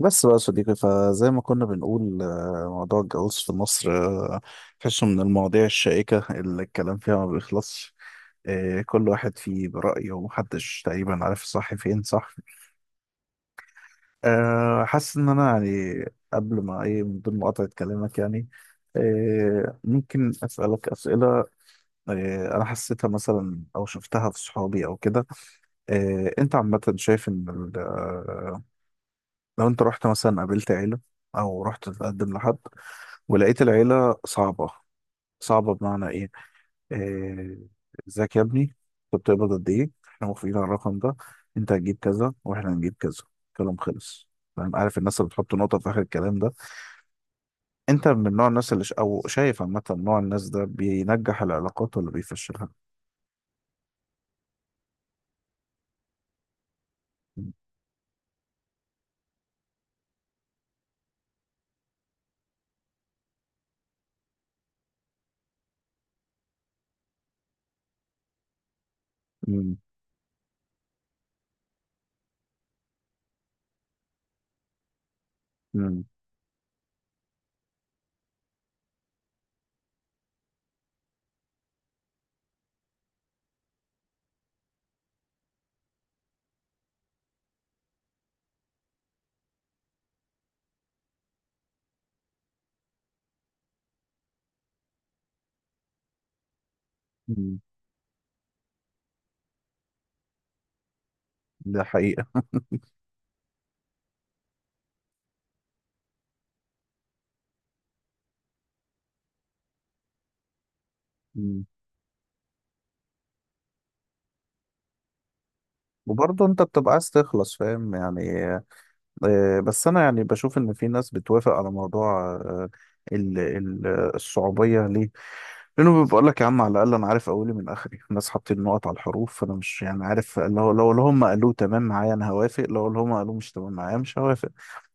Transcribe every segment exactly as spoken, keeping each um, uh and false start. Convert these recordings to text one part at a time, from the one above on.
بس بقى يا صديقي فزي ما كنا بنقول آه، موضوع الجواز في مصر آه، تحسه من المواضيع الشائكة اللي الكلام فيها ما بيخلصش. آه، كل واحد فيه برأيه ومحدش تقريبا عارف الصح فين صح. آه، حاسس إن أنا يعني قبل ما إيه من ضمن مقاطعة كلامك يعني آه، ممكن أسألك أسئلة. آه، أنا حسيتها مثلا أو شفتها في صحابي أو كده. آه، أنت عامة شايف إن ال- آه، لو أنت رحت مثلا قابلت عيلة أو رحت تتقدم لحد ولقيت العيلة صعبة. صعبة بمعنى إيه؟ آه، إزيك يا ابني؟ أنت بتقبض قد إيه؟ إحنا موافقين على الرقم ده، أنت هتجيب كذا وإحنا هنجيب كذا، كلام خلص. فاهم عارف الناس اللي بتحط نقطة في آخر الكلام ده، أنت من نوع الناس اللي ش... أو شايف عامة نوع الناس ده بينجح العلاقات ولا بيفشلها؟ مم. مم. مم. ده حقيقة. مم. وبرضه أنت بتبقى عايز تخلص فاهم يعني. آه، بس انا يعني بشوف ان في ناس بتوافق على موضوع آه، ال- ال- الصعوبيه ليه، لانه بيقول لك يا عم على الاقل انا عارف اولي من اخري، الناس حاطين نقط على الحروف، فانا مش يعني عارف، لو لو اللي هم قالوه تمام معايا انا هوافق، لو اللي هم قالوه مش تمام معايا مش هوافق.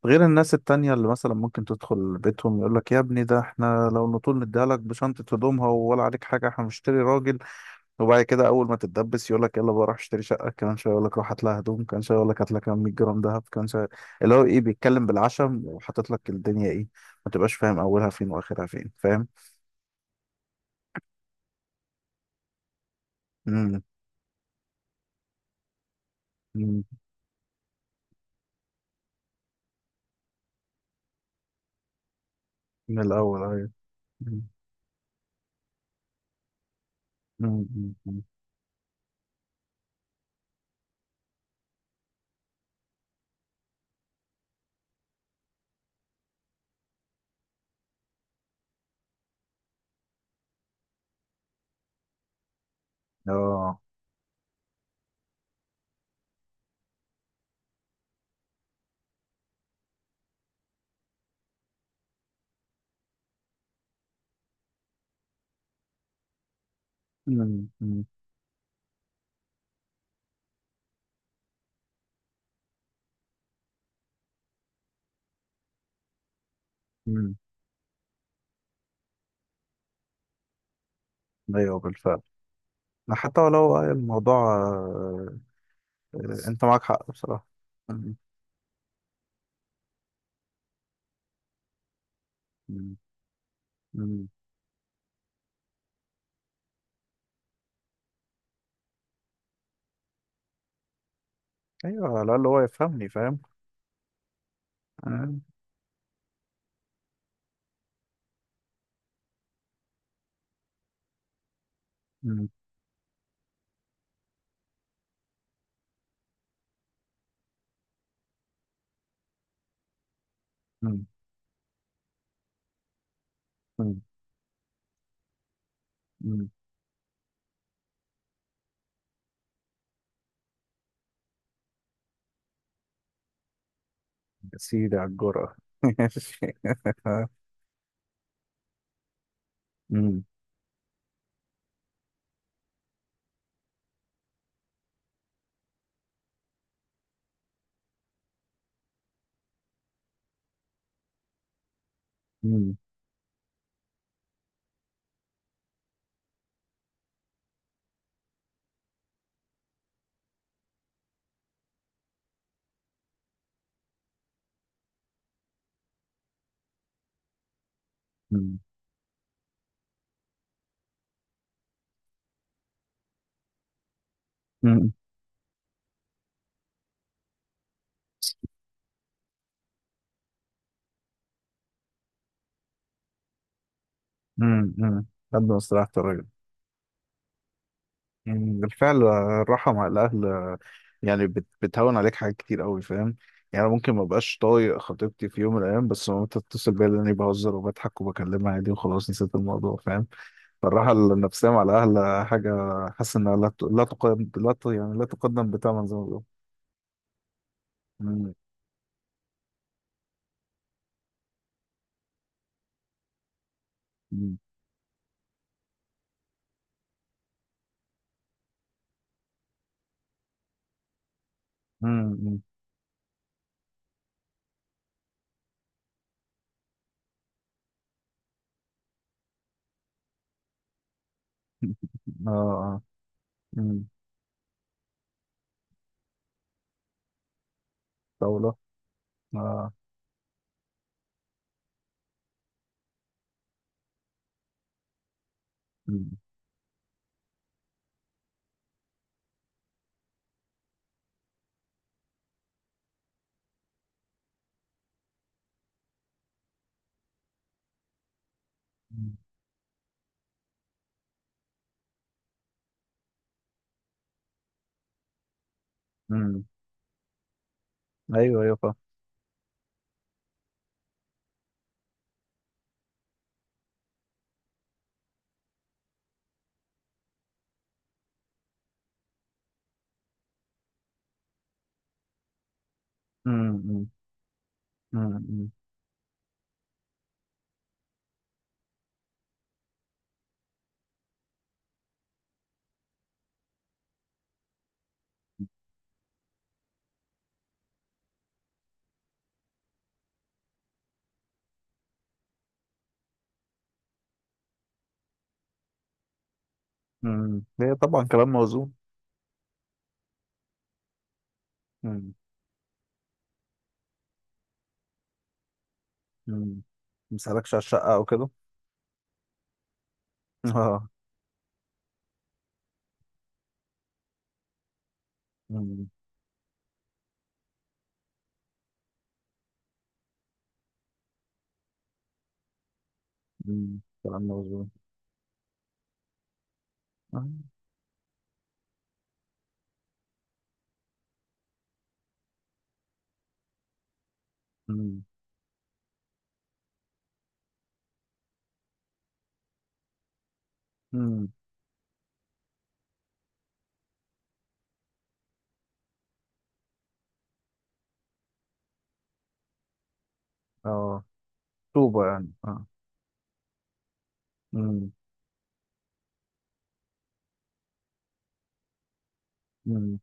غير الناس التانية اللي مثلا ممكن تدخل بيتهم يقول لك يا ابني ده احنا لو نطول نديها لك بشنطه هدومها ولا عليك حاجه، احنا بنشتري راجل. وبعد كده اول ما تتدبس يقول لك يلا بقى روح اشتري شقه كمان شويه، يقول لك روح هات لها هدوم كمان شويه، يقول لك هات لها كمان 100 جرام دهب كمان شويه. اللي هو ايه بيتكلم بالعشم وحاطط لك الدنيا ايه، ما تبقاش فاهم اولها فين واخرها فين فاهم. امم. أمم. من الاول ايوه. أمم. أمم. أمم. اه. أمم. أمم. أمم. ايوه بالفعل. حتى ولو آه، الموضوع آه، آه، انت معاك حق بصراحه. أمم. أمم. أمم. ايوه على الاقل هو يفهمني فاهم. أمم. أمم. أمم. يا سيدي على الجرأة. ماشي. أمم، أمم، أمم، أمم، أمم، أمم. قدم استراحة الراجل. أمم، بالفعل آه، الراحة مع الأهل آه، يعني بت- بتهون عليك حاجات كتير أوي فاهم. يعني أنا ممكن ما بقاش طايق خطيبتي في يوم من الأيام، بس لما تتصل بيا لأني بهزر وبضحك وبكلمها عادي وخلاص نسيت الموضوع فاهم. فالراحة النفسية مع الأهل آه، حاجة. حاسس إنها لا ت- لا تقدم لا ت- يعني لا تقدم بثمن زي ما بيقولوا. أمم، أمم، أمم، أمم. آه آه. أمم. طاولة. اه. مم. مم. ايوه ايوه فاهم. مم. مم. مم. مم. هي طبعا كلام موزون. مم. مم. مسألكش على الشقة او كده. اه. مم. مم. كلام موزون. آه. مم. مم. اه. طوبة يعني اه. مم. مم.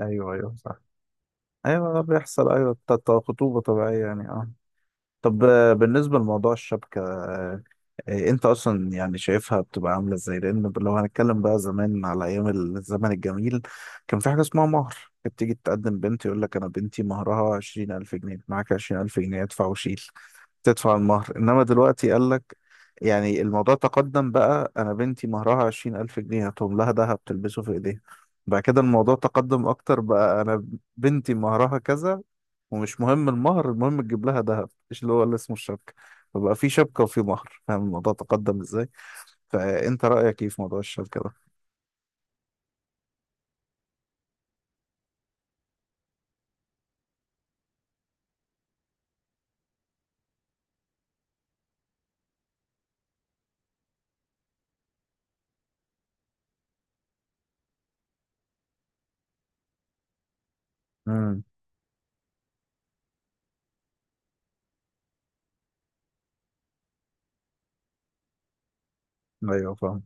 ايوه ايوه صح. ايوه ده بيحصل ايوه بتاع- بتاع خطوبة طبيعية يعني اه. طب آه، بالنسبة لموضوع الشبكة آه، آه، انت اصلا يعني شايفها بتبقى عاملة ازاي، لان لو هنتكلم بقى زمان على ايام الزمن الجميل، كان في حاجة اسمها مهر. كانت تيجي تقدم بنت يقول لك انا بنتي مهرها عشرين الف جنيه، معاك عشرين الف جنيه ادفع وشيل، تدفع المهر. انما دلوقتي قال لك يعني الموضوع تقدم بقى، انا بنتي مهرها عشرين الف جنيه هاتهم لها دهب تلبسه في ايديها. بعد كده الموضوع تقدم اكتر بقى، انا بنتي مهرها كذا ومش مهم المهر، المهم تجيب لها ذهب ايش اللي هو اللي اسمه الشبكة. فبقى في شبكة وفي مهر، فاهم الموضوع تقدم ازاي. فانت رأيك ايه في موضوع الشبكة ده؟ امم. ايوه فاهم.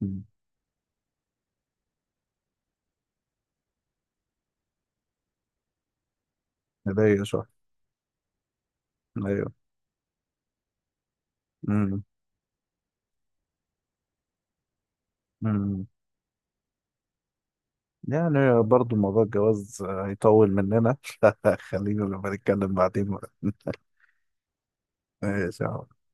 مم. هدية صح. ايوه. امم. امم. يعني برضو موضوع الجواز هيطول مننا. خلينا لما نتكلم بعدين بقى. ماشي يا عم.